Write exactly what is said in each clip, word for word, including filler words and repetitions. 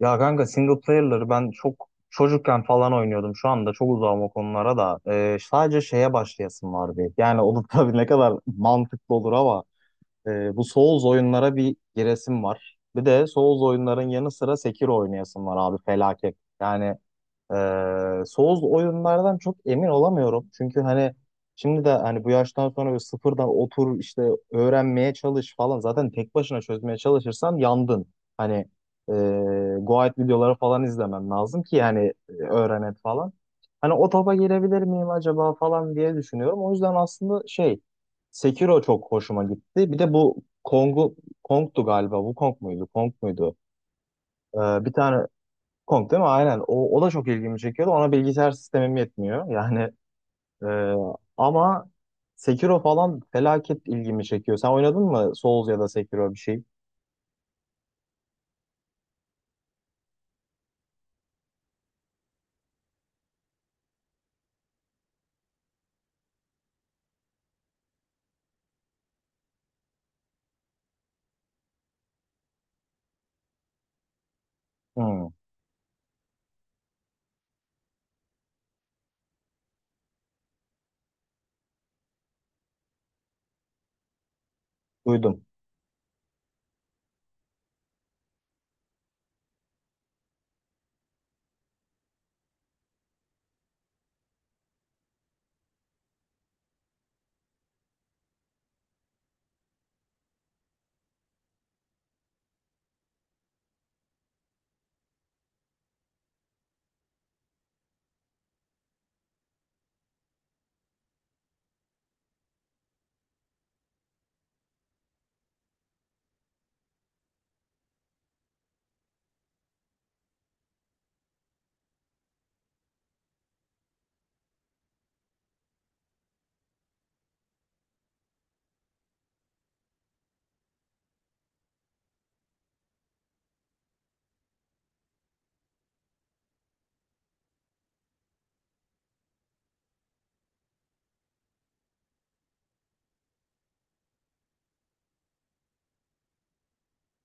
Ya kanka, single player'ları ben çok çocukken falan oynuyordum. Şu anda çok uzağım o konulara da. Ee, sadece şeye başlayasım vardı. Yani o da tabii ne kadar mantıklı olur ama e, bu Souls oyunlara bir giresim var. Bir de Souls oyunların yanı sıra Sekiro oynayasım var abi felaket. Yani ee, Souls oyunlardan çok emin olamıyorum. Çünkü hani şimdi de hani bu yaştan sonra böyle sıfırdan otur işte öğrenmeye çalış falan. Zaten tek başına çözmeye çalışırsan yandın. Hani e, Guide videoları falan izlemen lazım ki yani e, öğrenet falan. Hani o topa girebilir miyim acaba falan diye düşünüyorum. O yüzden aslında şey, Sekiro çok hoşuma gitti. Bir de bu Kong'u Kong'tu galiba. Bu Kong muydu? Kong muydu? Ee, Bir tane Kong değil mi? Aynen. O, o da çok ilgimi çekiyordu. Ona bilgisayar sistemim yetmiyor. Yani e, Ama Sekiro falan felaket ilgimi çekiyor. Sen oynadın mı Souls ya da Sekiro bir şey? Hmm, duydum.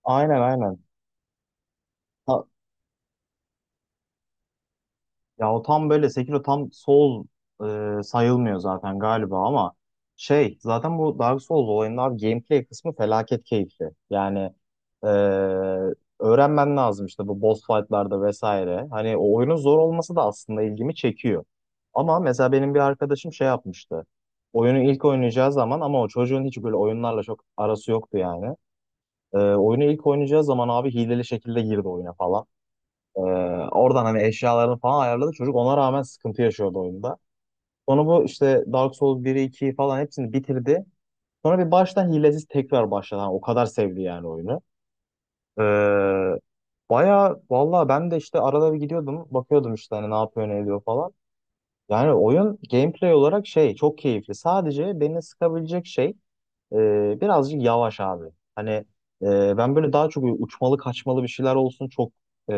Aynen, aynen. Ha, ya o tam böyle Sekiro tam Soul e, sayılmıyor zaten galiba ama şey, zaten bu Dark Souls olayının abi gameplay kısmı felaket keyifli. Yani e, Öğrenmen lazım işte bu boss fight'larda vesaire. Hani o oyunun zor olması da aslında ilgimi çekiyor. Ama mesela benim bir arkadaşım şey yapmıştı. Oyunu ilk oynayacağı zaman, ama o çocuğun hiç böyle oyunlarla çok arası yoktu yani. E, oyunu ilk oynayacağı zaman abi hileli şekilde girdi oyuna falan. Ee, Oradan hani eşyalarını falan ayarladı. Çocuk ona rağmen sıkıntı yaşıyordu oyunda. Sonra bu işte Dark Souls biri ikiyi falan hepsini bitirdi. Sonra bir baştan hilesiz tekrar başladı. Hani o kadar sevdi yani oyunu. Ee, Baya valla ben de işte arada bir gidiyordum. Bakıyordum işte hani ne yapıyor ne ediyor falan. Yani oyun gameplay olarak şey çok keyifli. Sadece beni sıkabilecek şey ee, birazcık yavaş abi. Hani e, Ben böyle daha çok uçmalı kaçmalı bir şeyler olsun çok, e,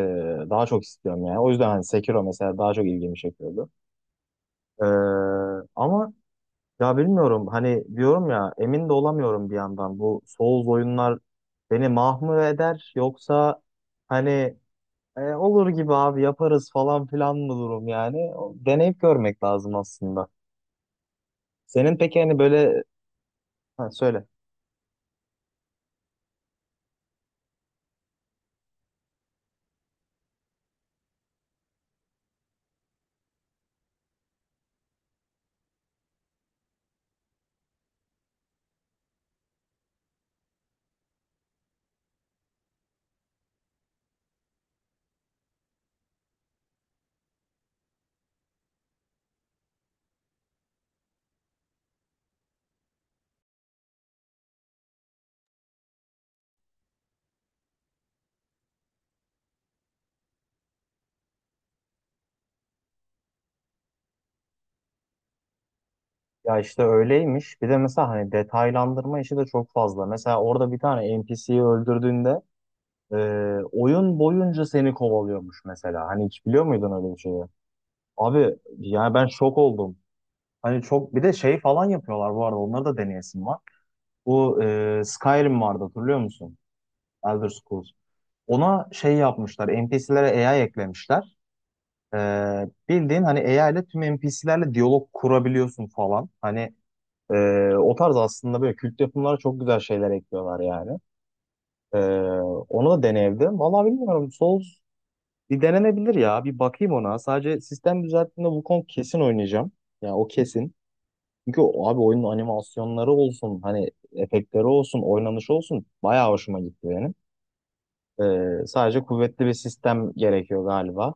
daha çok istiyorum yani. O yüzden hani Sekiro mesela daha çok ilgimi çekiyordu. Ee, Ama ya bilmiyorum, hani diyorum ya, emin de olamıyorum bir yandan. Bu Souls oyunlar beni mahmur eder, yoksa hani e, olur gibi abi, yaparız falan filan mı durum yani. O- Deneyip görmek lazım aslında. Senin peki hani böyle, ha, söyle. Ya işte öyleymiş. Bir de mesela hani detaylandırma işi de çok fazla. Mesela orada bir tane N P C'yi öldürdüğünde e, oyun boyunca seni kovalıyormuş mesela. Hani hiç biliyor muydun öyle bir şeyi? Abi yani ben şok oldum. Hani çok bir de şey falan yapıyorlar bu arada. Onları da deneyesim var. Bu e, Skyrim vardı hatırlıyor musun? Elder Scrolls. Ona şey yapmışlar. N P C'lere A I eklemişler. E, Bildiğin hani A I ile tüm N P C'lerle diyalog kurabiliyorsun falan. Hani Ee, o tarz aslında böyle kült yapımlara çok güzel şeyler ekliyorlar yani. Ee, Onu da deneyebilirim. Vallahi bilmiyorum. Souls bir denenebilir ya. Bir bakayım ona. Sadece sistem düzelttiğinde Wukong kesin oynayacağım. Yani o kesin. Çünkü o- abi oyunun animasyonları olsun, hani efektleri olsun, oynanışı olsun bayağı hoşuma gitti benim. Ee, sadece kuvvetli bir sistem gerekiyor galiba.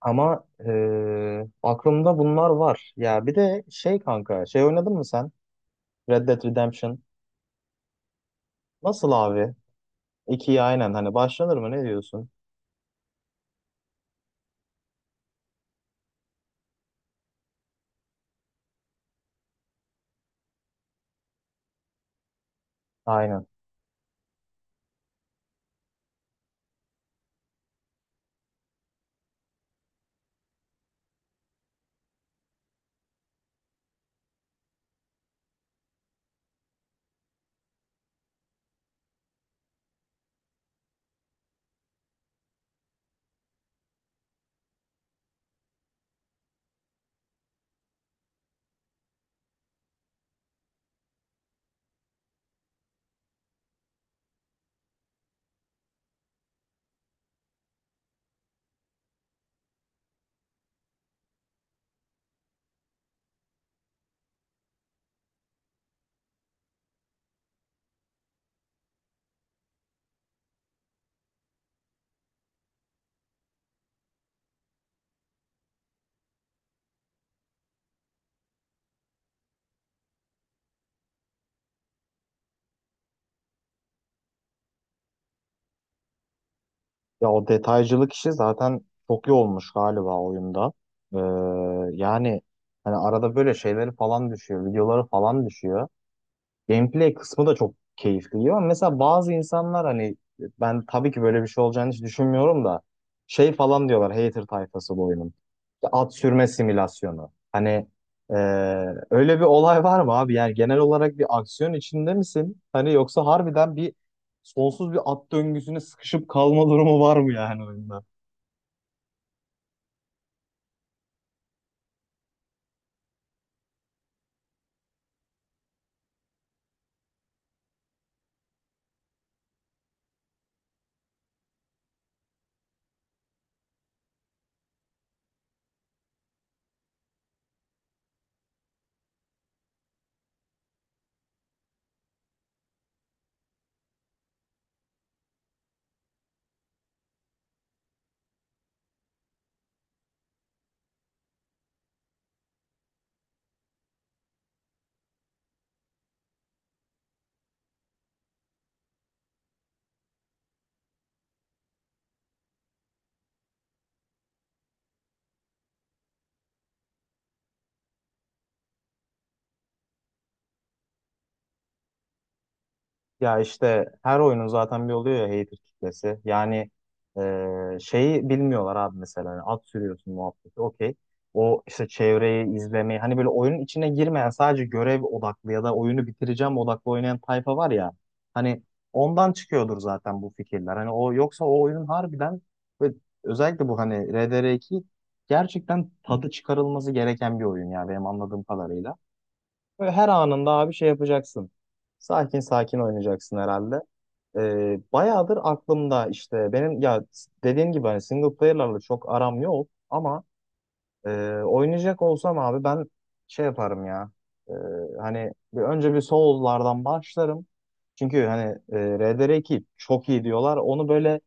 Ama ee, aklımda bunlar var. Ya bir de şey kanka, şey oynadın mı sen? Red Dead Redemption. Nasıl abi? İkiye aynen hani başlanır mı ne diyorsun? Aynen. Ya o detaycılık işi zaten çok iyi olmuş galiba oyunda. Ee, yani hani arada böyle şeyleri falan düşüyor, videoları falan düşüyor. Gameplay kısmı da çok keyifli, ama mesela bazı insanlar hani, ben tabii ki böyle bir şey olacağını hiç düşünmüyorum da, şey falan diyorlar hater tayfası bu oyunun. İşte at sürme simülasyonu. Hani e, Öyle bir olay var mı abi? Yani genel olarak bir aksiyon içinde misin? Hani yoksa harbiden bir sonsuz bir at döngüsüne sıkışıp kalma durumu var mı yani oyunda? Ya işte her oyunun zaten bir oluyor ya hater kitlesi. Yani e, şeyi bilmiyorlar abi mesela. Yani at sürüyorsun muhabbeti okey. O işte çevreyi izlemeyi hani böyle oyunun içine girmeyen, sadece görev odaklı ya da oyunu bitireceğim odaklı oynayan tayfa var ya. Hani ondan çıkıyordur zaten bu fikirler. Hani o yoksa o oyunun harbiden ve özellikle bu hani R D R iki gerçekten tadı çıkarılması gereken bir oyun ya benim anladığım kadarıyla. Böyle her anında abi şey yapacaksın. Sakin sakin oynayacaksın herhalde. Ee, bayağıdır aklımda işte benim, ya dediğim gibi hani single player'larla çok aram yok ama, e, oynayacak olsam abi ben şey yaparım ya. E, Hani bir, önce bir Souls'lardan başlarım. Çünkü hani, e, R D R iki çok iyi diyorlar. Onu böyle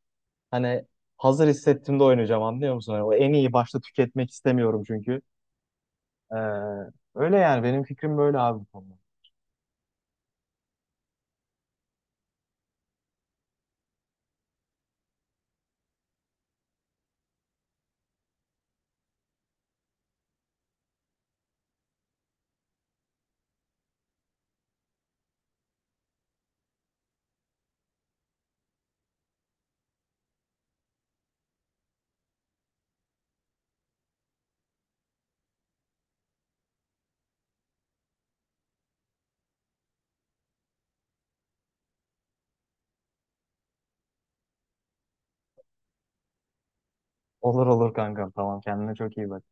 hani hazır hissettiğimde oynayacağım, anlıyor musun? Hani o en iyi başta tüketmek istemiyorum çünkü. Ee, Öyle yani benim fikrim böyle abi, bu konuda. Olur olur kankam, tamam, kendine çok iyi bak.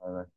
Bay bay.